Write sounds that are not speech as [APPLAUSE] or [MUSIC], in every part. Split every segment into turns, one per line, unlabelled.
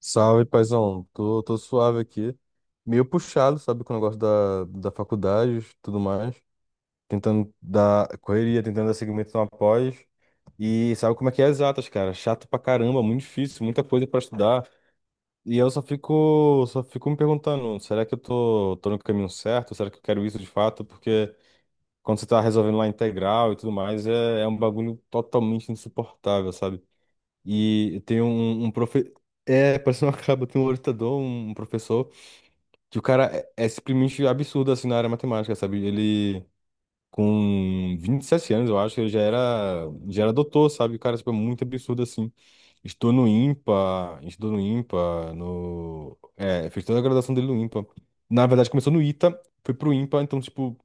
Salve, paizão. Tô suave aqui. Meio puxado, sabe, com o negócio da faculdade, e tudo mais. Tentando dar correria, tentando dar segmento numa pós. E sabe como é que é exatas, cara? Chato pra caramba, muito difícil, muita coisa pra estudar. E eu só fico me perguntando, será que eu tô no caminho certo? Será que eu quero isso de fato? Porque quando você tá resolvendo lá integral e tudo mais, é um bagulho totalmente insuportável, sabe? E tem um É, parece uma caba, [LAUGHS] tem um orientador, um professor, que o cara é simplesmente absurdo, assim, na área matemática, sabe? Ele, com 27 anos, eu acho, ele já era doutor, sabe? O cara, tipo, é muito absurdo, assim. Estou no IMPA, no... É, fez toda a graduação dele no IMPA. Na verdade, começou no ITA, foi pro IMPA, então, tipo,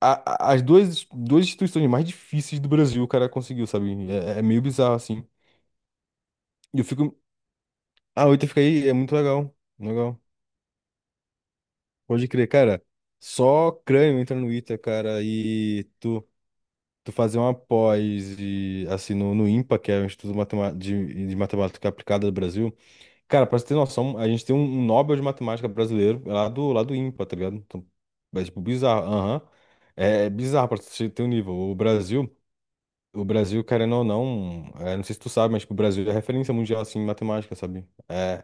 a- as duas instituições mais difíceis do Brasil o cara conseguiu, sabe? É meio bizarro, assim. E eu fico. Ah, o Ita fica aí, é muito legal. Legal. Pode crer, cara. Só crânio entra no Ita, cara, e tu fazer uma pós de, assim, no IMPA, que é o Instituto de Matemática Aplicada do Brasil. Cara, pra você ter noção, a gente tem um Nobel de Matemática brasileiro lá do IMPA, tá ligado? Então, é tipo bizarro. Aham. É bizarro pra você ter um nível. O Brasil, querendo ou não, é, não sei se tu sabe, mas tipo, o Brasil é referência mundial, assim, em matemática, sabe? É,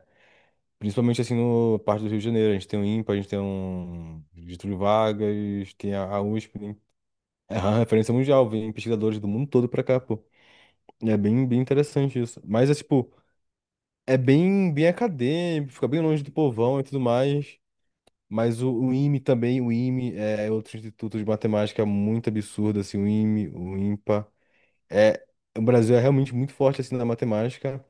principalmente assim no parte do Rio de Janeiro. A gente tem o IMPA, a gente tem um Getúlio Vargas, tem a USP, né? É uma referência mundial, vem pesquisadores do mundo todo pra cá, pô. É bem, bem interessante isso. Mas é tipo, é bem, bem acadêmico, fica bem longe do povão e tudo mais. Mas o IME também, o IME é outro instituto de matemática muito absurdo, assim, o IME, o IMPA. É, o Brasil é realmente muito forte assim na matemática.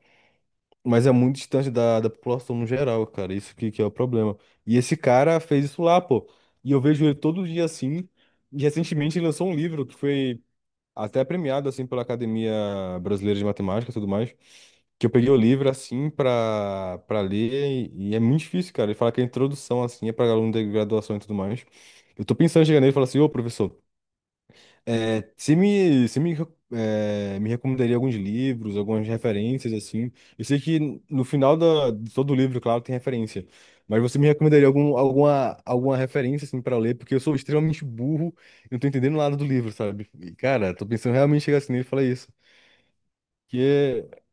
Mas é muito distante da população no geral, cara. Isso que é o problema. E esse cara fez isso lá, pô. E eu vejo ele todo dia assim. E recentemente ele lançou um livro que foi até premiado, assim, pela Academia Brasileira de Matemática e tudo mais. Que eu peguei o livro, assim, pra ler. E é muito difícil, cara. Ele fala que a introdução, assim, é pra aluno de graduação e tudo mais. Eu tô pensando em chegar nele e falar assim, ô, professor. É, você me, você me, me recomendaria alguns livros, algumas referências, assim. Eu sei que no final de todo livro, claro, tem referência. Mas você me recomendaria alguma referência, assim, para ler? Porque eu sou extremamente burro e não tô entendendo nada do livro, sabe? E, cara, tô pensando realmente em chegar assim nele e falar isso. Que é,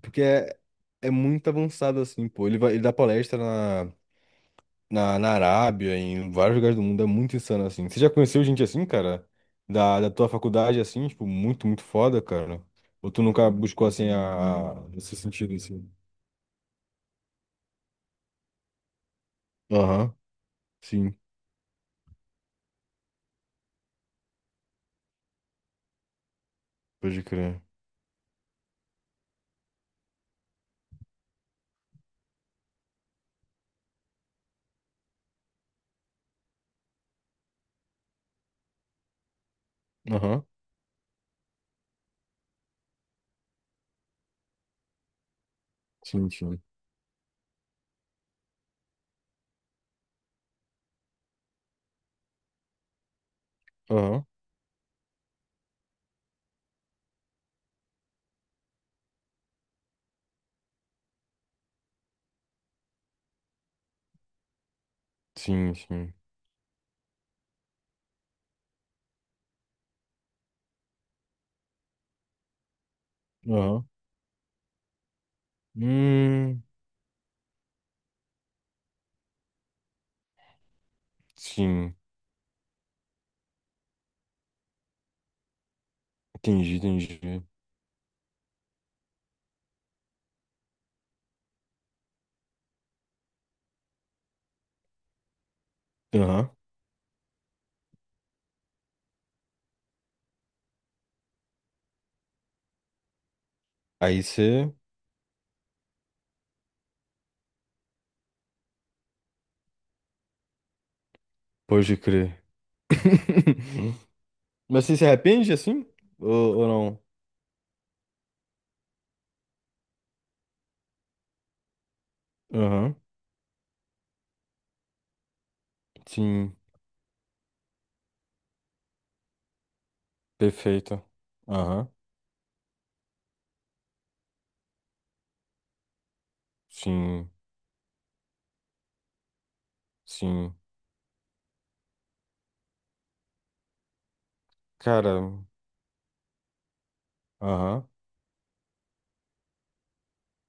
porque é, é muito avançado, assim, pô. Ele vai, ele dá palestra na Arábia, em vários lugares do mundo, é muito insano assim. Você já conheceu gente assim, cara? Da tua faculdade, assim, tipo, muito foda, cara? Ou tu nunca buscou, assim, nesse sentido, assim? Aham, sim, pode crer. Aham, sim, sim. Aham, sim, sim. Aham. Hum, sim, entendi, entendi. Aham, aí você, pode crer. [LAUGHS] Mas você se arrepende, assim? Ou não? Aham, sim, perfeito. Aham. Sim, sim. Cara, aham.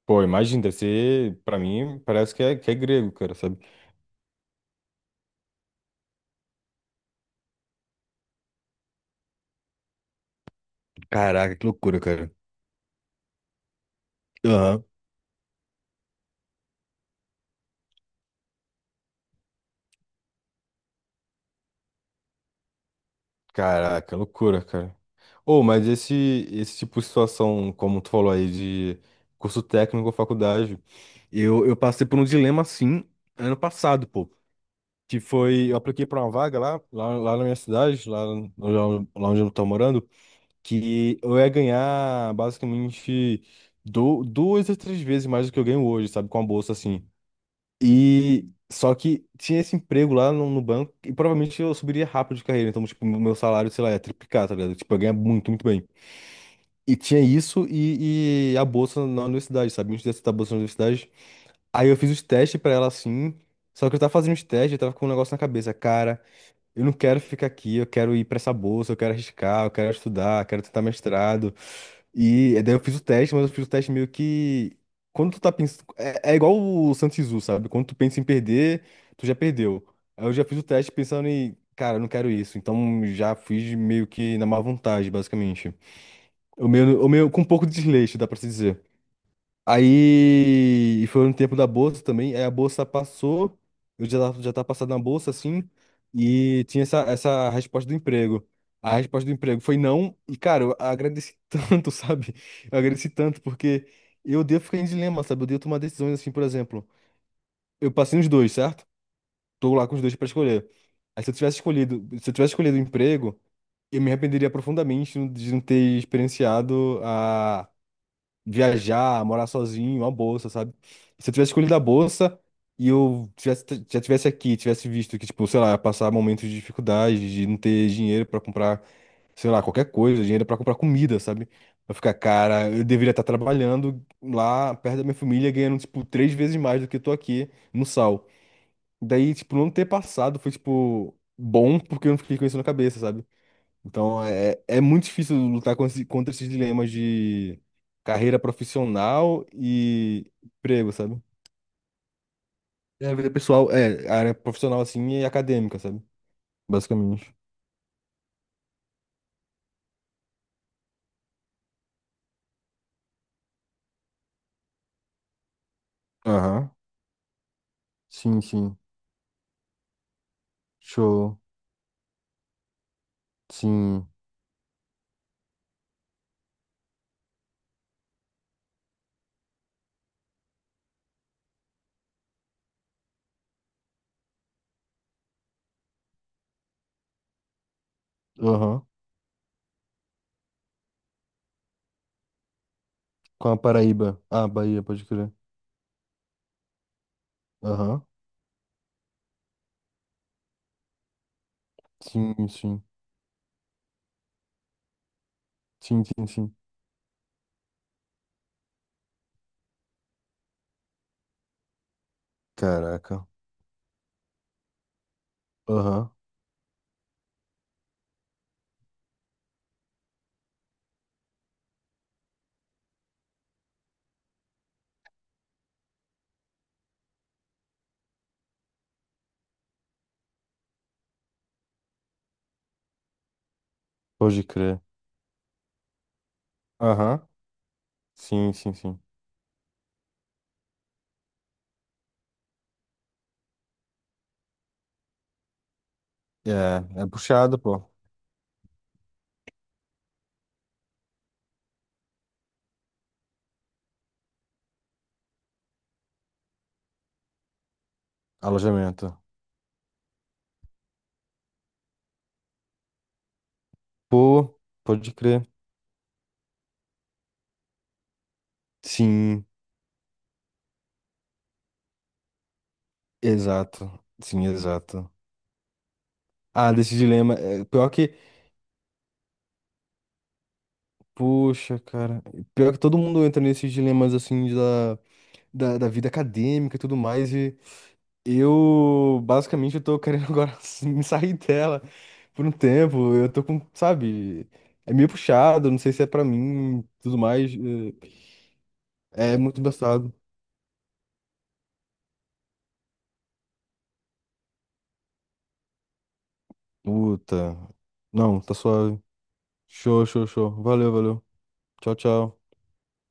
Pô, imagina, deve ser, pra mim, parece que que é grego, cara, sabe? Caraca, que loucura, cara. Aham. Caraca, loucura, cara. Ô, mas esse, esse tipo de situação, como tu falou aí, de curso técnico ou faculdade, eu passei por um dilema assim ano passado, pô. Que foi, eu apliquei pra uma vaga lá na minha cidade, lá, no- lá onde eu tô morando. Que eu ia ganhar basicamente duas a três vezes mais do que eu ganho hoje, sabe? Com a bolsa assim. E só que tinha esse emprego lá no banco e provavelmente eu subiria rápido de carreira. Então, tipo, meu salário, sei lá, ia triplicar, tá ligado? Tipo, eu ia ganhar muito, muito bem. E tinha isso e a bolsa na universidade, sabe? Antes de aceitar a bolsa na universidade. Aí eu fiz os testes pra ela assim. Só que eu tava fazendo os testes, eu tava com um negócio na cabeça. Cara, eu não quero ficar aqui, eu quero ir pra essa bolsa, eu quero arriscar, eu quero estudar, eu quero tentar mestrado. Daí eu fiz o teste, mas eu fiz o teste meio que. Quando tu tá pensando. É igual o Santos Zoo, sabe? Quando tu pensa em perder, tu já perdeu. Aí eu já fiz o teste pensando em. Cara, eu não quero isso. Então já fiz meio que na má vontade, basicamente. O meu com um pouco de desleixo, dá pra se dizer. Aí foi no tempo da bolsa também. Aí a bolsa passou, eu já tava passado na bolsa assim, e tinha essa resposta do emprego. A resposta do emprego foi não, e cara, eu agradeci [LAUGHS] tanto, sabe? Eu agradeci tanto, porque eu devo ficar em dilema, sabe? Eu devo tomar decisões assim, por exemplo. Eu passei nos dois, certo? Tô lá com os dois pra escolher. Aí se eu tivesse escolhido o emprego, eu me arrependeria profundamente de não ter experienciado a viajar, morar sozinho, uma bolsa, sabe? Se eu tivesse escolhido a bolsa e eu tivesse, já tivesse aqui, tivesse visto que, tipo, sei lá, ia passar momentos de dificuldade, de não ter dinheiro pra comprar, sei lá, qualquer coisa, dinheiro pra comprar comida, sabe? Vai ficar, cara, eu deveria estar trabalhando lá perto da minha família, ganhando, tipo, 3 vezes mais do que eu tô aqui no sal. Daí, tipo, não ter passado foi, tipo, bom porque eu não fiquei com isso na cabeça, sabe? Então é muito difícil lutar com esse- contra esses dilemas de carreira profissional e emprego, sabe? É, a vida pessoal, é, a área profissional assim e acadêmica, sabe? Basicamente. Aham. Sim, sim. Show. Sim. Aham. Com a Paraíba. Ah, Bahia, pode crer. Aham. Sim, sim. Sim, sim, sim. Caraca. Aham. Pode crer. Aham. Sim, sim, sim. É, é puxado, pô. Alojamento. Pô, pode crer. Sim, exato. Sim, exato. Ah, desse dilema. É, pior que. Poxa, cara. Pior que todo mundo entra nesses dilemas assim da vida acadêmica e tudo mais. E eu, basicamente, eu tô querendo [LAUGHS] agora me sair dela por um tempo. Eu tô com, sabe? É meio puxado, não sei se é pra mim, tudo mais. É muito embaçado. Puta. Não, tá suave. Show, show, show. Valeu, valeu. Tchau, tchau.